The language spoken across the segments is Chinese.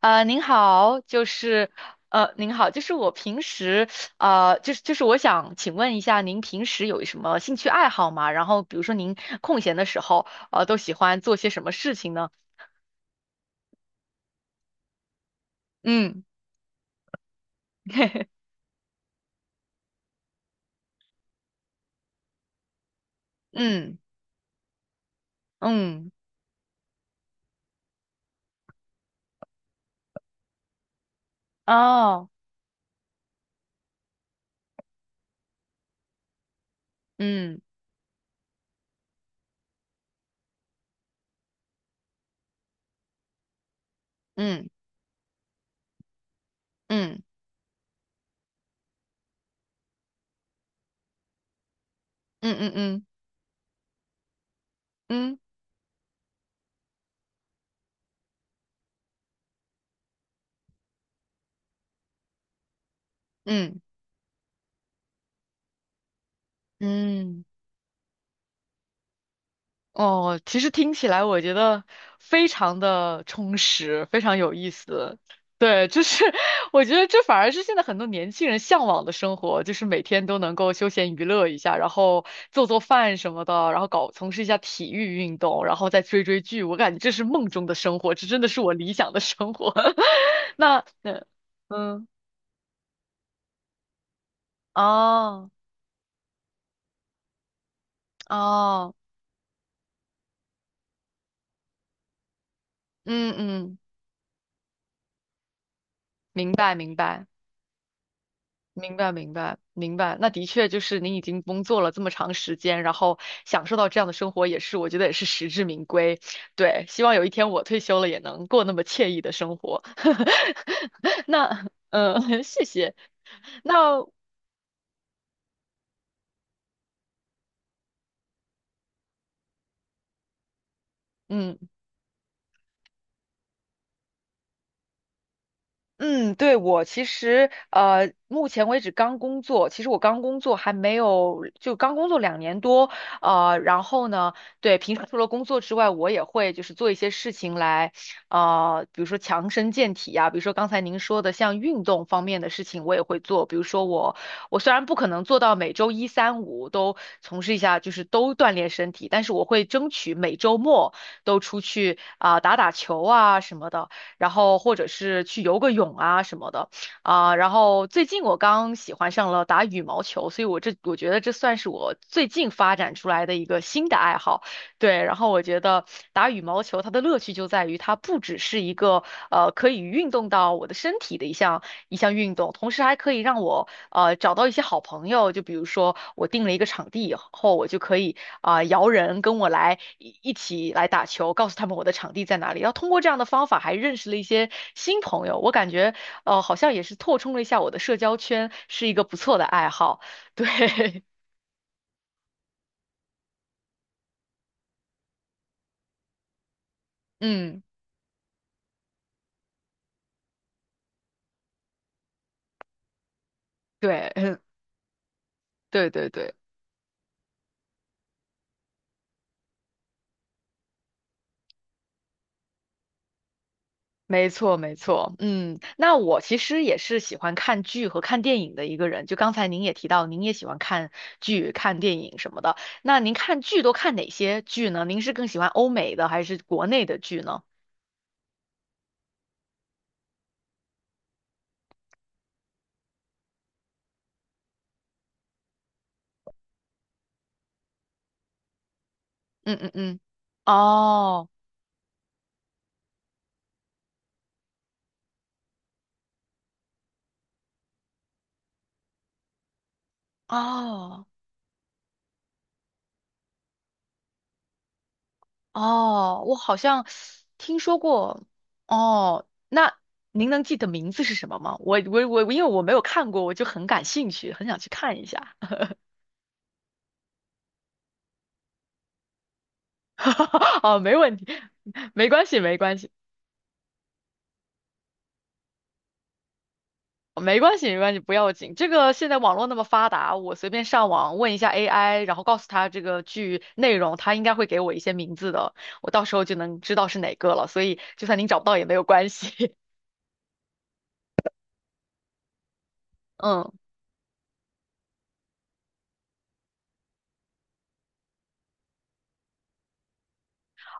您好，就是您好，就是我平时就是我想请问一下，您平时有什么兴趣爱好吗？然后比如说您空闲的时候，都喜欢做些什么事情呢？嗯，嗯嗯，哦，嗯嗯嗯嗯嗯嗯嗯嗯嗯。嗯。哦，其实听起来我觉得非常的充实，非常有意思。对，就是 我觉得这反而是现在很多年轻人向往的生活，就是每天都能够休闲娱乐一下，然后做做饭什么的，然后搞从事一下体育运动，然后再追追剧。我感觉这是梦中的生活，这真的是我理想的生活。那嗯，哦哦，嗯嗯，明白明白。明白，明白，明白。那的确就是您已经工作了这么长时间，然后享受到这样的生活，也是我觉得也是实至名归。对，希望有一天我退休了也能过那么惬意的生活。那，嗯、谢谢。那，嗯，嗯，对，我其实目前为止刚工作，其实我刚工作还没有，就刚工作两年多，然后呢，对，平时除了工作之外，我也会就是做一些事情来，比如说强身健体啊，比如说刚才您说的像运动方面的事情，我也会做，比如说我虽然不可能做到每周一三五都从事一下，就是都锻炼身体，但是我会争取每周末都出去啊、打打球啊什么的。然后或者是去游个泳啊什么的啊。然后最近我刚喜欢上了打羽毛球，所以我这我觉得这算是我最近发展出来的一个新的爱好。对，然后我觉得打羽毛球它的乐趣就在于它不只是一个可以运动到我的身体的一项运动，同时还可以让我找到一些好朋友。就比如说我定了一个场地以后，我就可以啊、摇人跟我来一起来打球，告诉他们我的场地在哪里。然后通过这样的方法还认识了一些新朋友，我感觉好像也是拓充了一下我的社交圈，是一个不错的爱好。对，嗯，对，对对对。没错，没错，嗯，那我其实也是喜欢看剧和看电影的一个人。就刚才您也提到，您也喜欢看剧、看电影什么的。那您看剧都看哪些剧呢？您是更喜欢欧美的还是国内的剧呢？嗯嗯嗯，哦哦哦，我好像听说过。哦，那您能记得名字是什么吗？我，因为我没有看过，我就很感兴趣，很想去看一下。哦，没问题，没关系，没关系。没关系，没关系，不要紧。这个现在网络那么发达，我随便上网问一下 AI，然后告诉他这个剧内容，他应该会给我一些名字的，我到时候就能知道是哪个了。所以就算您找不到也没有关系。嗯，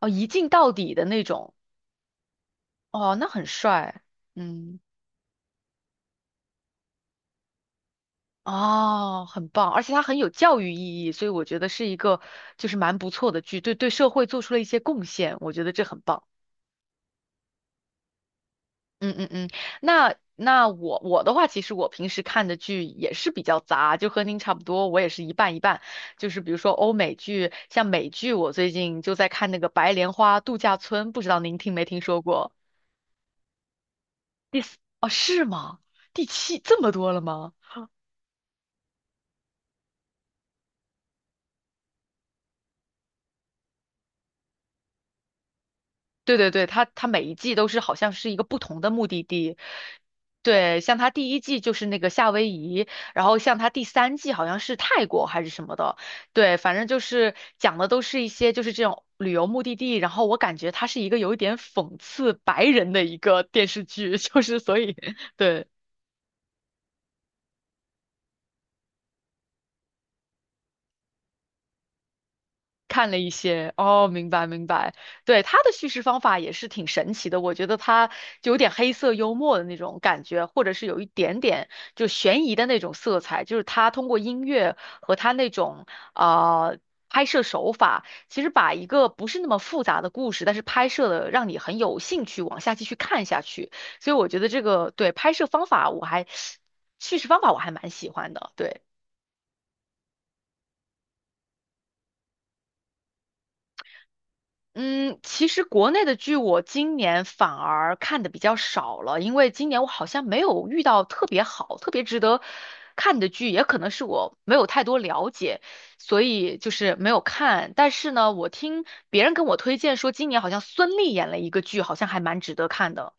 哦，一镜到底的那种，哦，那很帅。嗯，哦，很棒，而且它很有教育意义，所以我觉得是一个就是蛮不错的剧，对对社会做出了一些贡献，我觉得这很棒。嗯嗯嗯，那我的话，其实我平时看的剧也是比较杂，就和您差不多，我也是一半一半。就是比如说欧美剧，像美剧，我最近就在看那个《白莲花度假村》，不知道您听没听说过？第四，哦，是吗？第七，这么多了吗？对对对，它它每一季都是好像是一个不同的目的地。对，像它第一季就是那个夏威夷，然后像它第三季好像是泰国还是什么的。对，反正就是讲的都是一些就是这种旅游目的地。然后我感觉它是一个有一点讽刺白人的一个电视剧，就是所以 对。看了一些，哦，明白明白，对，他的叙事方法也是挺神奇的，我觉得他就有点黑色幽默的那种感觉，或者是有一点点就悬疑的那种色彩，就是他通过音乐和他那种呃拍摄手法，其实把一个不是那么复杂的故事，但是拍摄的让你很有兴趣往下继续看下去，所以我觉得这个对拍摄方法我还 叙事方法我还蛮喜欢的，对。嗯，其实国内的剧我今年反而看的比较少了，因为今年我好像没有遇到特别好、特别值得看的剧，也可能是我没有太多了解，所以就是没有看。但是呢，我听别人跟我推荐说，今年好像孙俪演了一个剧，好像还蛮值得看的。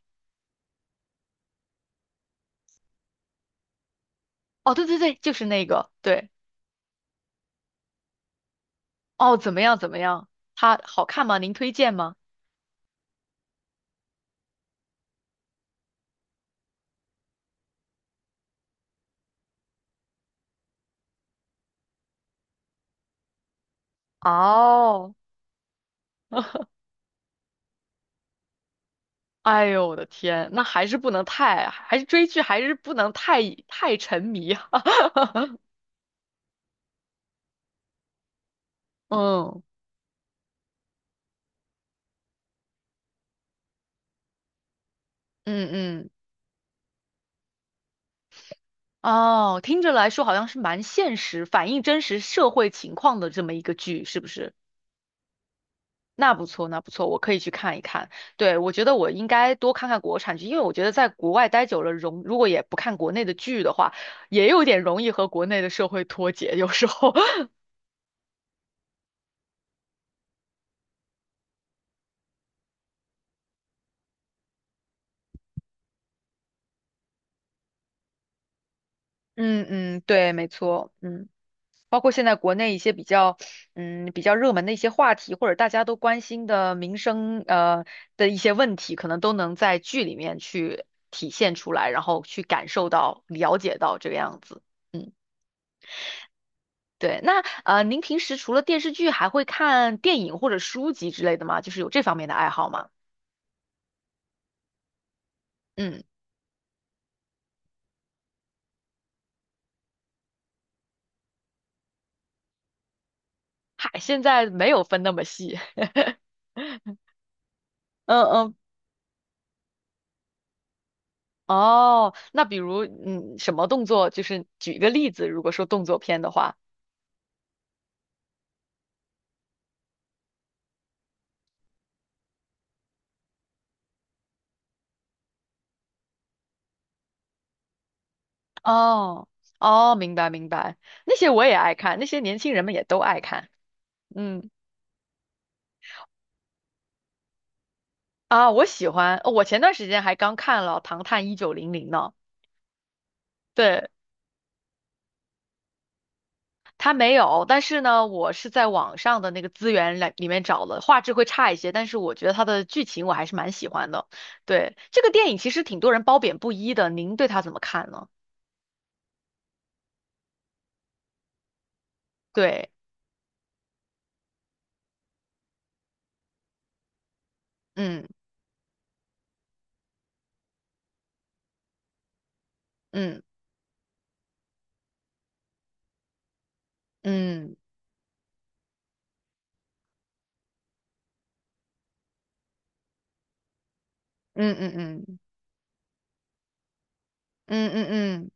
哦，对对对，就是那个，对，哦，怎么样怎么样？它好看吗？您推荐吗？哦。哎呦我的天，那还是不能太，还是追剧还是不能太太沉迷哈。嗯嗯嗯，哦，听着来说好像是蛮现实，反映真实社会情况的这么一个剧，是不是？那不错，那不错，我可以去看一看。对，我觉得我应该多看看国产剧，因为我觉得在国外待久了，容如果也不看国内的剧的话，也有点容易和国内的社会脱节，有时候。嗯嗯，对，没错，嗯。包括现在国内一些比较，嗯，比较热门的一些话题，或者大家都关心的民生，的一些问题，可能都能在剧里面去体现出来，然后去感受到、了解到这个样子。嗯，对。那您平时除了电视剧，还会看电影或者书籍之类的吗？就是有这方面的爱好吗？嗯，嗨，现在没有分那么细。嗯嗯。哦，那比如，嗯，什么动作？就是举一个例子，如果说动作片的话。哦哦，明白明白，那些我也爱看，那些年轻人们也都爱看。嗯啊，我喜欢，我前段时间还刚看了《唐探一九零零》呢。对，他没有，但是呢，我是在网上的那个资源来里面找了，画质会差一些，但是我觉得他的剧情我还是蛮喜欢的。对，这个电影其实挺多人褒贬不一的，您对他怎么看呢？对，嗯嗯嗯嗯嗯嗯嗯嗯嗯嗯。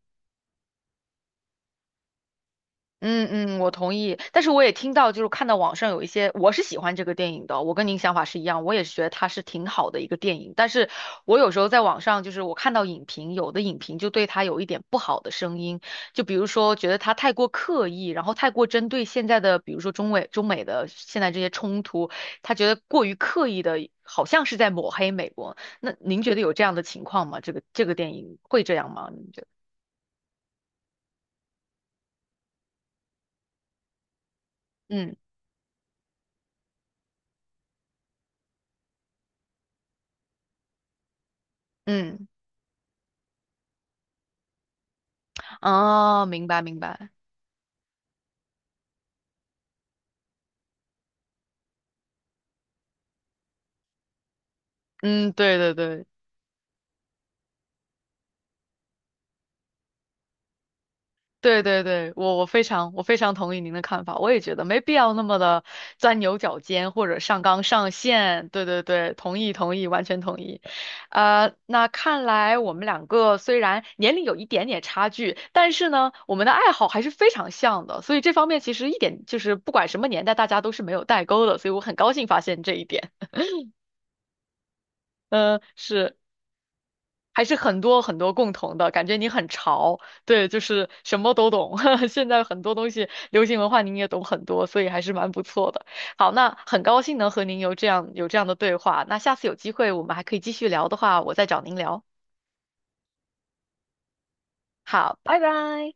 嗯嗯，我同意。但是我也听到，就是看到网上有一些，我是喜欢这个电影的，我跟您想法是一样，我也是觉得它是挺好的一个电影。但是我有时候在网上，就是我看到影评，有的影评就对它有一点不好的声音，就比如说觉得它太过刻意，然后太过针对现在的，比如说中美的现在这些冲突，他觉得过于刻意的，好像是在抹黑美国。那您觉得有这样的情况吗？这个电影会这样吗？您觉得？嗯嗯，哦，明白明白。嗯，对对对对对对，我非常我非常同意您的看法，我也觉得没必要那么的钻牛角尖或者上纲上线。对对对，同意同意，完全同意。那看来我们两个虽然年龄有一点点差距，但是呢，我们的爱好还是非常像的，所以这方面其实一点就是不管什么年代，大家都是没有代沟的，所以我很高兴发现这一点。嗯，是。还是很多很多共同的，感觉你很潮，对，就是什么都懂。现在很多东西，流行文化您也懂很多，所以还是蛮不错的。好，那很高兴能和您有这样的对话。那下次有机会我们还可以继续聊的话，我再找您聊。好，拜拜。